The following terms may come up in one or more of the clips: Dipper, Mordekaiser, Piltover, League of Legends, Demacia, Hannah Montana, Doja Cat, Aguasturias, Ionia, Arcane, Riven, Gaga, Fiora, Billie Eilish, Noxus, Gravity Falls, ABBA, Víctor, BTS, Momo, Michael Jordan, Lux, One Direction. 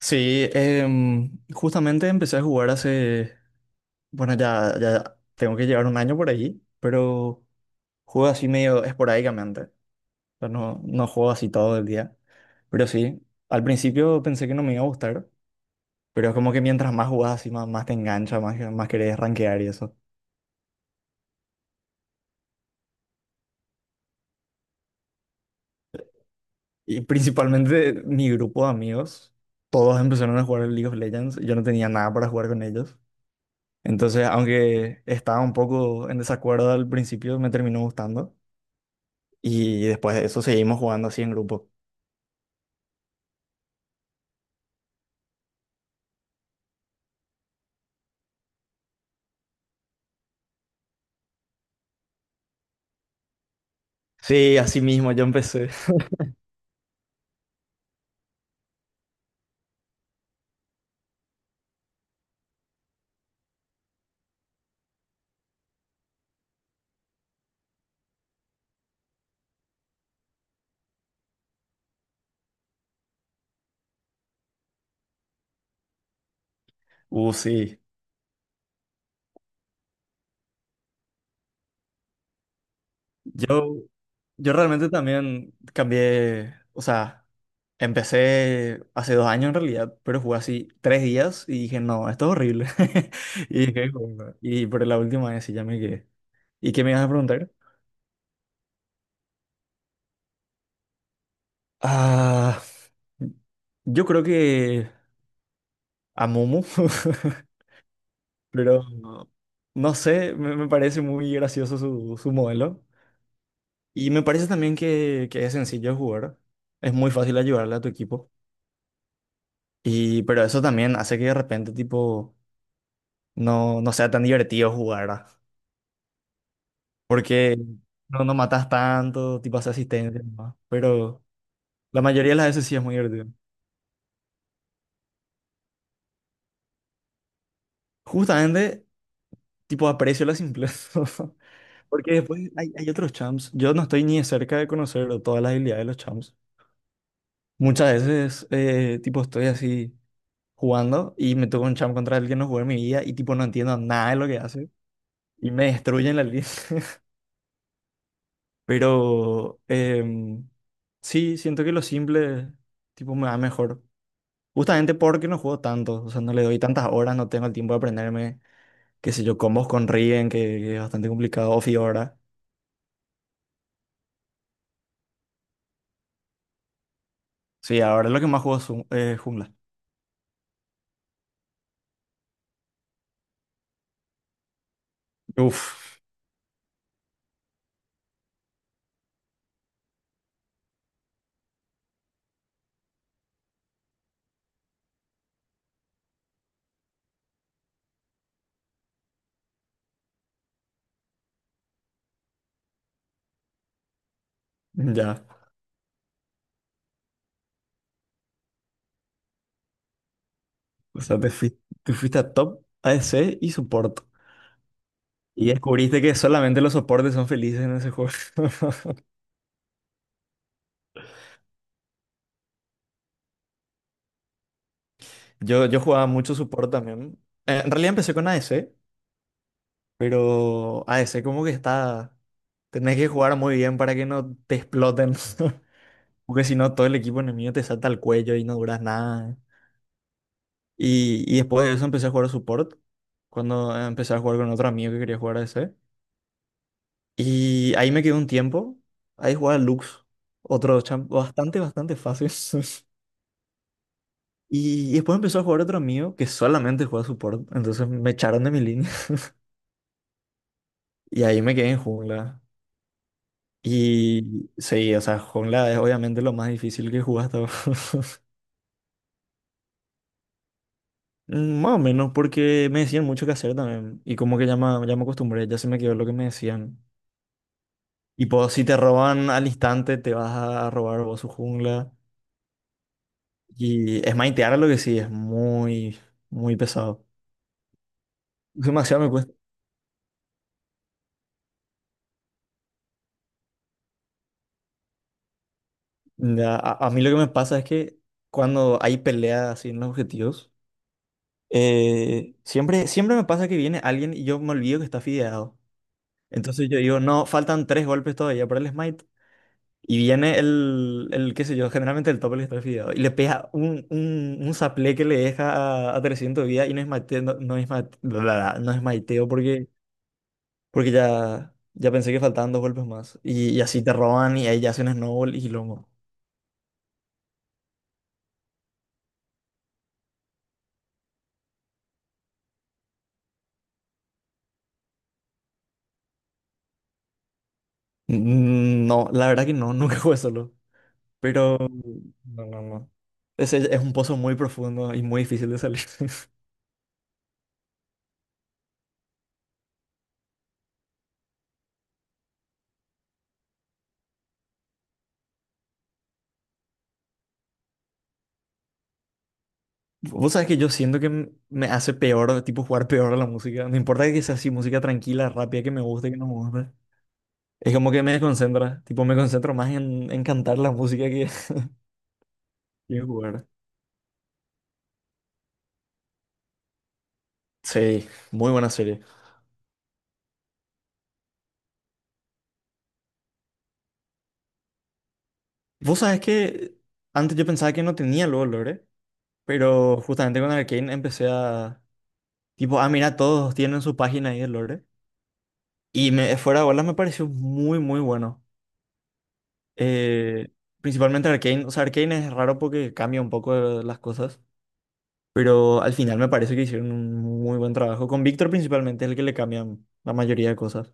Sí, justamente empecé a jugar hace, bueno, ya tengo que llevar un año por ahí, pero juego así medio esporádicamente, o sea, no juego así todo el día, pero sí, al principio pensé que no me iba a gustar, pero es como que mientras más jugás así, más te engancha, más querés rankear y eso. Y principalmente mi grupo de amigos, todos empezaron a jugar el League of Legends, y yo no tenía nada para jugar con ellos, entonces aunque estaba un poco en desacuerdo al principio, me terminó gustando. Y después de eso seguimos jugando así en grupo. Sí, así mismo yo empecé. Sí. Yo, yo realmente también cambié, o sea, empecé hace dos años en realidad, pero jugué así tres días y dije, no, esto es horrible. Y dije, "Bueno", y por la última vez sí ya me quedé. ¿Y qué me ibas a preguntar? Ah, yo creo que a Momo, pero no sé, me parece muy gracioso su modelo. Y me parece también que es sencillo jugar. Es muy fácil ayudarle a tu equipo. Y, pero eso también hace que de repente, tipo, no sea tan divertido jugar, ¿verdad? Porque no matas tanto, tipo, haces asistencia nomás. Pero la mayoría de las veces sí es muy divertido. Justamente, tipo, aprecio la simpleza. Porque después hay otros champs. Yo no estoy ni de cerca de conocer todas las habilidades de los champs. Muchas veces, tipo, estoy así, jugando y me tocó un champ contra el que no jugué en mi vida y tipo no entiendo nada de lo que hace y me destruyen la línea. Pero sí, siento que lo simple tipo me va mejor. Justamente porque no juego tanto, o sea, no le doy tantas horas, no tengo el tiempo de aprenderme, qué sé yo, combos con Riven, que es bastante complicado, o Fiora. Sí, ahora lo que más juego es jungla. Uf, ya. O sea, te fuiste a top, ADC y soporte. Y descubriste que solamente los soportes son felices en ese juego. Yo jugaba mucho support también. En realidad empecé con ADC, pero ADC como que está... Tenés que jugar muy bien para que no te exploten. Porque si no, todo el equipo enemigo te salta al cuello y no duras nada. Y después de eso empecé a jugar a support. Cuando empecé a jugar con otro amigo que quería jugar a ADC. Y ahí me quedé un tiempo. Ahí jugaba Lux. Otro champ bastante fácil. Y después empezó a jugar otro amigo que solamente juega support. Entonces me echaron de mi línea. Y ahí me quedé en jungla. Y sí, o sea, jungla es obviamente lo más difícil que jugué hasta ahora. Mm, más o menos, porque me decían mucho que hacer también. Y como que ya me acostumbré, ya se me quedó lo que me decían. Y pues, si te roban al instante, te vas a robar vos su jungla. Y es maitear lo que sí, es muy pesado. Demasiado me cuesta. Ya, a mí lo que me pasa es que cuando hay peleas así en los objetivos, siempre me pasa que viene alguien y yo me olvido que está fideado. Entonces yo digo, no, faltan tres golpes todavía para el smite. Y viene el qué sé yo, generalmente el tope está fideado. Y le pega un saplé que le deja a 300 vida y no es mateo no, no esmaiteo porque, ya pensé que faltaban dos golpes más. Y así te roban y ahí ya hacen snowball y lomo. Mm, no, la verdad que no, nunca jugué solo. Pero no. Ese es un pozo muy profundo y muy difícil de salir. Vos sabés que yo siento que me hace peor, tipo jugar peor a la música. No importa que sea así, música tranquila, rápida, que me guste, que no me guste. Es como que me desconcentra. Tipo, me concentro más en cantar la música que que en jugar. Sí, muy buena serie. Vos sabés que antes yo pensaba que no tenía luego lore, pero justamente con Arcane tipo, ah, mira, todos tienen su página ahí de lore. Y fuera de bolas me pareció muy bueno. Eh, principalmente Arcane. O sea, Arcane es raro porque cambia un poco las cosas. Pero al final me parece que hicieron un muy buen trabajo. Con Víctor principalmente es el que le cambian la mayoría de cosas.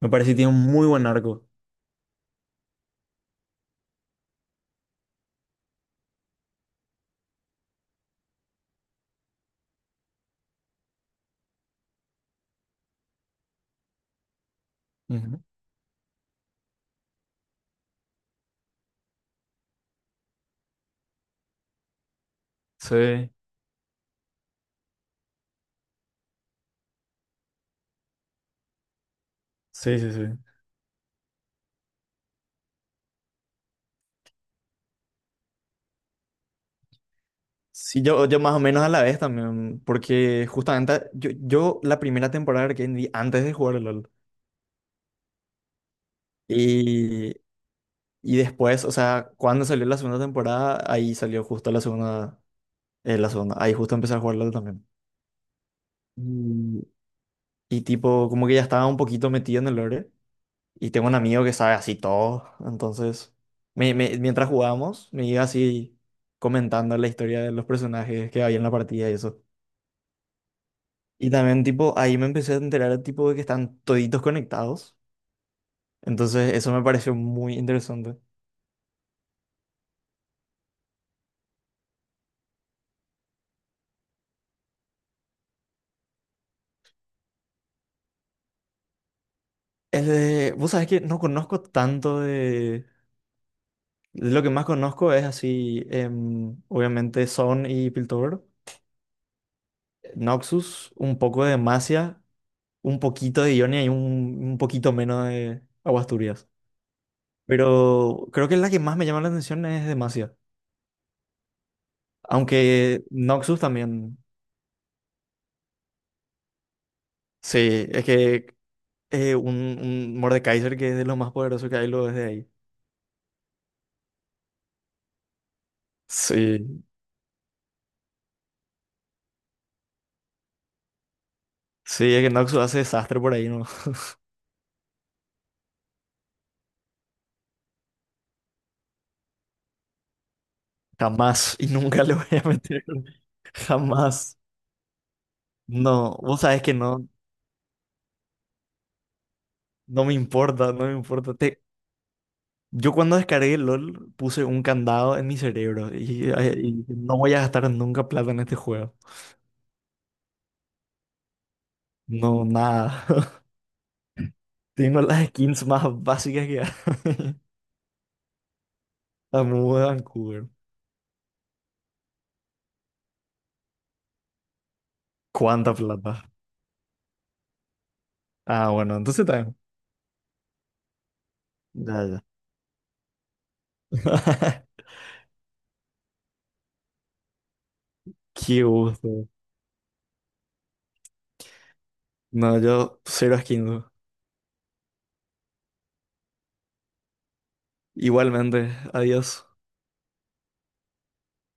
Me parece que tiene un muy buen arco. Ujú. Sí. Sí, sí, sí. Sí, yo más o menos a la vez también, porque justamente yo la primera temporada de Arcane vi antes de jugar al LOL. Y, y después, o sea, cuando salió la segunda temporada, ahí salió justo la segunda, ahí justo empecé a jugar LOL también. Y, y tipo, como que ya estaba un poquito metido en el lore. Y tengo un amigo que sabe así todo. Entonces, mientras jugábamos, me iba así comentando la historia de los personajes que había en la partida y eso. Y también, tipo, ahí me empecé a enterar, tipo, de que están toditos conectados. Entonces, eso me pareció muy interesante. Vos sabés que no conozco tanto de... De lo que más conozco es así, obviamente, Son y Piltover. Noxus, un poco de Demacia, un poquito de Ionia y un poquito menos de Aguasturias. Pero creo que la que más me llama la atención es Demacia. Aunque Noxus también. Sí, es que un Mordekaiser que es de los más poderosos que hay lo desde ahí. Sí, sí, es que Noxus hace desastre por ahí, ¿no? Jamás y nunca le voy a meter. Jamás. No, vos sabés que no, no me importa, no me importa. Yo cuando descargué LOL puse un candado en mi cerebro y no voy a gastar nunca plata en este juego. No, nada. Tengo las skins más básicas que hay. La muda de Vancouver. ¿Cuánta plata? Ah, bueno, entonces también. Ya, ya. Qué gusto. No, yo cero skins. Igualmente, adiós.